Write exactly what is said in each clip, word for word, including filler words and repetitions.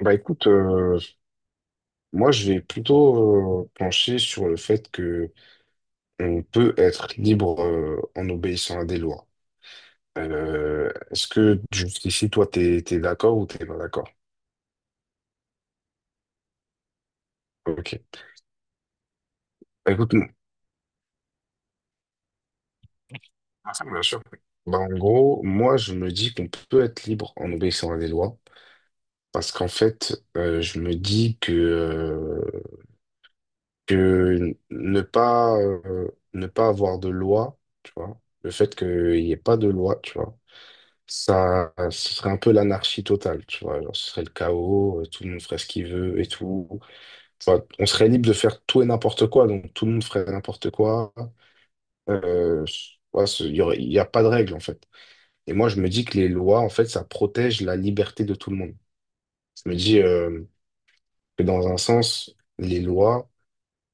Bah écoute, euh, moi je vais plutôt euh, pencher sur le fait que on peut être libre euh, en obéissant à des lois. Euh, est-ce que jusqu'ici toi t'es t'es d'accord ou t'es pas d'accord? Ok. Bah, écoute, non. Ah, ça, bien sûr. Bah, en gros, moi je me dis qu'on peut être libre en obéissant à des lois parce qu'en fait euh, je me dis que euh, que ne pas euh, ne pas avoir de loi, tu vois, le fait qu'il n'y ait pas de loi, tu vois. Ça, ce serait un peu l'anarchie totale, tu vois. Genre, ce serait le chaos, euh, tout le monde ferait ce qu'il veut et tout. Tu on serait libre de faire tout et n'importe quoi, donc tout le monde ferait n'importe quoi. Euh, ouais, ce- il y aurait- il y a pas de règles, en fait. Et moi, je me dis que les lois, en fait, ça protège la liberté de tout le monde. Je me dis euh, que dans un sens, les lois,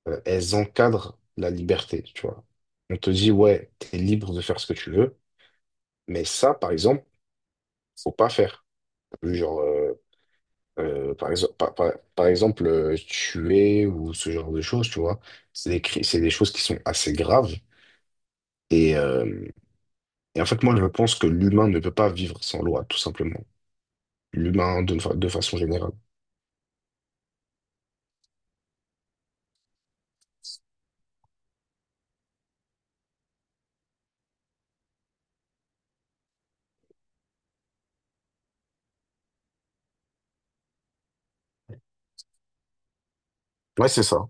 euh, elles encadrent la liberté, tu vois. On te dit, ouais, t'es libre de faire ce que tu veux, mais ça, par exemple, faut pas faire. Genre, euh, Euh, par exemple, par, par- par exemple euh, tuer ou ce genre de choses, tu vois. C'est des, cri- c'est des choses qui sont assez graves. Et, euh, et en fait, moi, je pense que l'humain ne peut pas vivre sans loi, tout simplement. L'humain, de, fa- de façon générale. Ouais, c'est ça.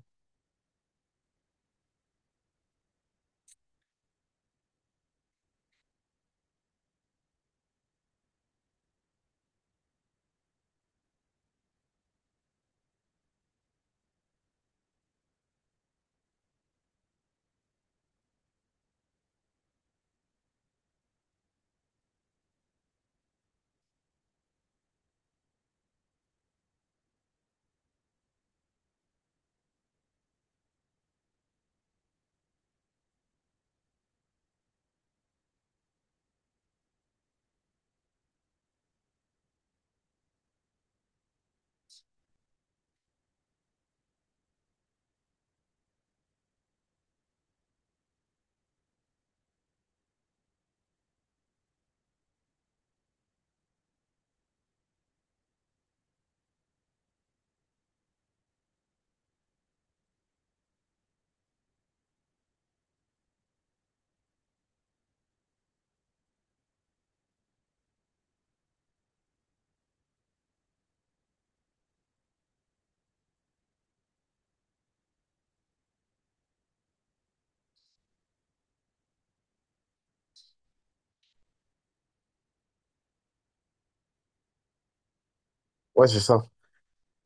Ouais, c'est ça.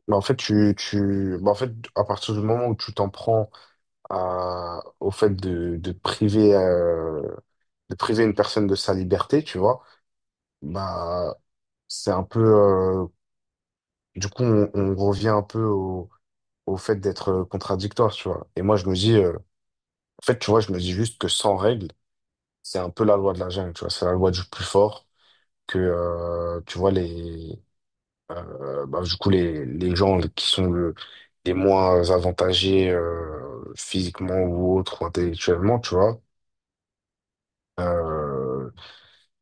Mais en fait, tu, tu... bah, en fait, à partir du moment où tu t'en prends à... au fait de, de priver, euh, de priver une personne de sa liberté, tu vois, bah, c'est un peu, euh, du coup, on, on revient un peu au, au fait d'être euh, contradictoire, tu vois. Et moi, je me dis, euh, en fait, tu vois, je me dis juste que sans règles, c'est un peu la loi de la jungle, tu vois. C'est la loi du plus fort, que, euh, tu vois, les, euh, bah, du coup, les, les gens qui sont le- les moins avantagés, euh, physiquement ou autre, ou intellectuellement, tu vois, euh,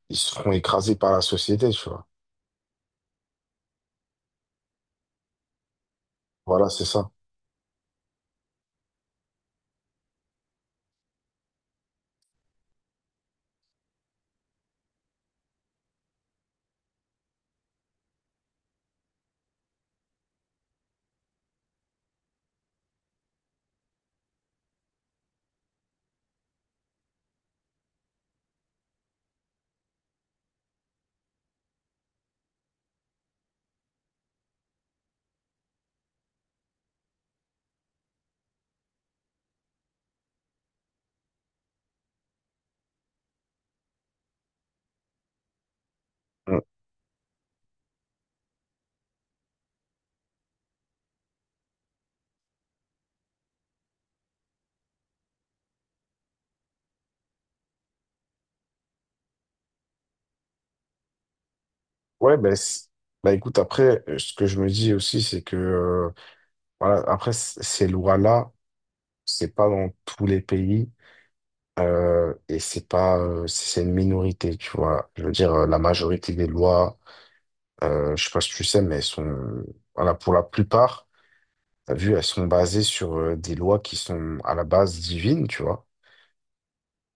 ils seront écrasés par la société, tu vois. Voilà, c'est ça. Mm. Ouais, ben, c'est- bah, écoute, après, euh, ce que je me dis aussi, c'est que, euh, voilà, après, c- ces lois-là, c'est pas dans tous les pays euh, et c'est pas euh, c'est une minorité, tu vois. Je veux dire, euh, la majorité des lois, euh, je sais pas si tu sais, mais elles sont voilà pour la plupart, t'as vu, elles sont basées sur euh, des lois qui sont à la base divines, tu vois.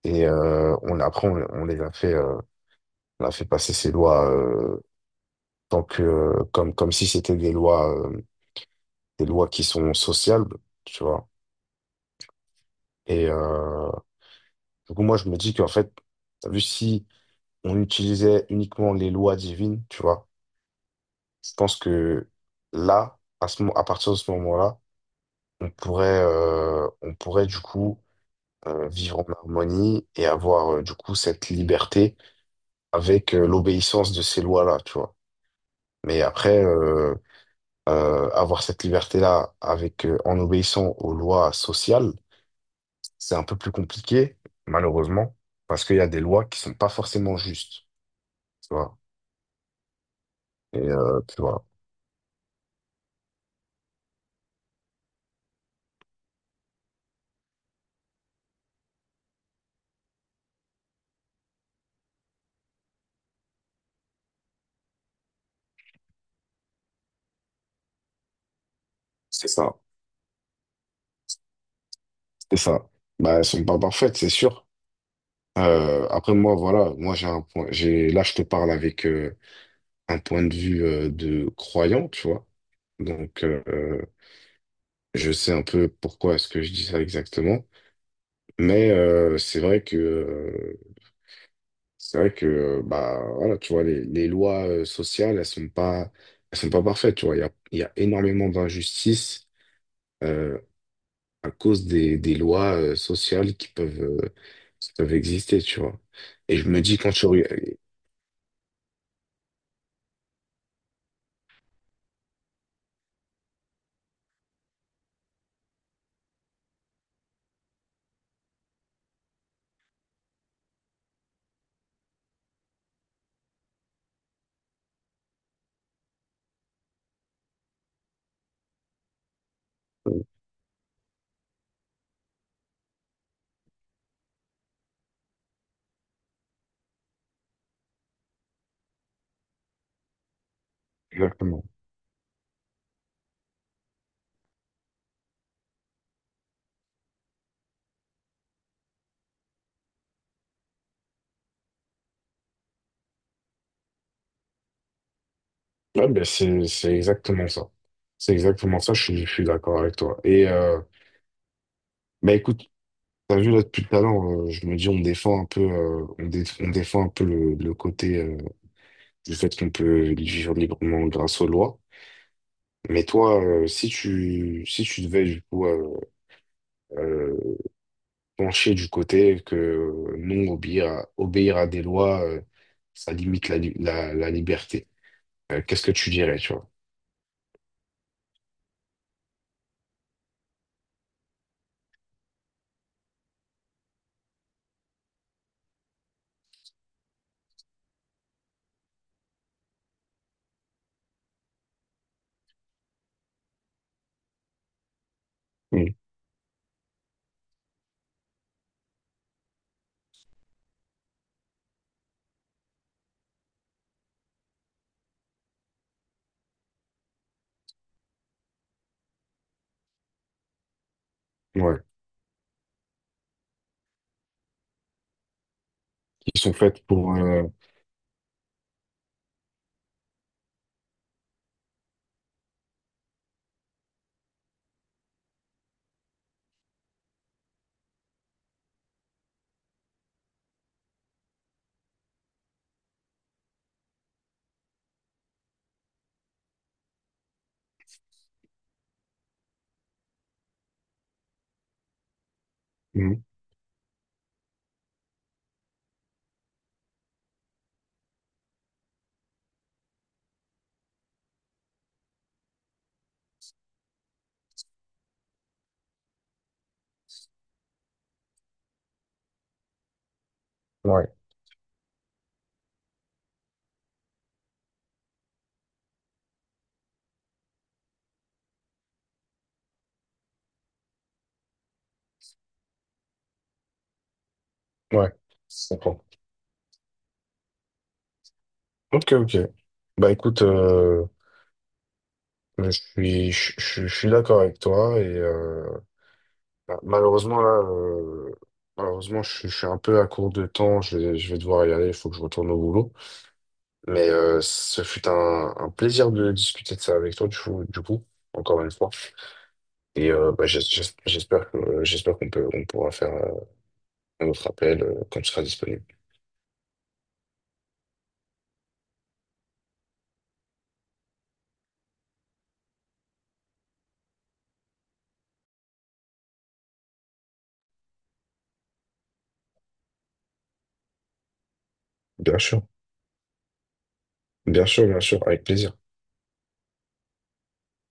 Et euh, on après on, on les a fait euh, on a fait passer ces lois euh, tant que euh, comme comme si c'était des lois euh, des lois qui sont sociales, tu vois. Et euh, du coup moi je me dis qu'en fait, t'as vu si on utilisait uniquement les lois divines, tu vois. Je pense que là, à ce, mo- à partir de ce moment-là, on pourrait, euh, on pourrait du coup euh, vivre en harmonie et avoir euh, du coup cette liberté avec euh, l'obéissance de ces lois-là, tu vois. Mais après, euh, euh, avoir cette liberté-là avec euh, en obéissant aux lois sociales, c'est un peu plus compliqué, malheureusement, parce qu'il y a des lois qui sont pas forcément justes, tu vois. Et euh, tu vois, c'est ça. C'est ça. Bah, elles sont pas parfaites, c'est sûr. Euh, après moi, voilà, moi j'ai un point, j'ai là je te parle avec euh, un point de vue euh, de croyant, tu vois. Donc euh, je sais un peu pourquoi est-ce que je dis ça exactement, mais euh, c'est vrai que euh, c'est vrai que euh, bah voilà, tu vois les, les lois euh, sociales, elles sont pas elles sont pas parfaites, tu vois. Il y a, il y a énormément d'injustices. euh, à cause des, des lois euh, sociales qui peuvent, euh, qui peuvent exister, tu vois. Et je me dis quand tu regardes... Exactement. Ouais, ben c'est, c'est exactement ça. C'est exactement ça, je suis, je suis d'accord avec toi. Et euh, bah écoute, t'as vu là depuis tout à l'heure, euh, je me dis on défend un peu, euh, on, dé- on défend un peu le, le côté euh, du fait qu'on peut vivre librement grâce aux lois. Mais toi, euh, si tu, si tu devais du coup euh, euh, pencher du côté que non, obéir à, obéir à des lois, euh, ça limite la, li- la, la liberté. Euh, qu'est-ce que tu dirais, tu vois? Mm. Ouais, qui sont faites pour... euh, mm. Ouais, ouais, je comprends. Ok, ok. Bah écoute, euh, je suis, je, je- je suis d'accord avec toi et euh, bah, malheureusement là, euh, malheureusement je, je suis un peu à court de temps, je, vais- je vais devoir y aller, il faut que je retourne au boulot. Mais euh, ce fut un, un plaisir de discuter de ça avec toi, du coup, du coup, encore une fois. Et euh, bah, j'es- j'es- j'espère que j'espère qu'on peut on pourra faire euh, un autre appel euh, quand tu seras disponible. Bien sûr, bien sûr, bien sûr, avec plaisir.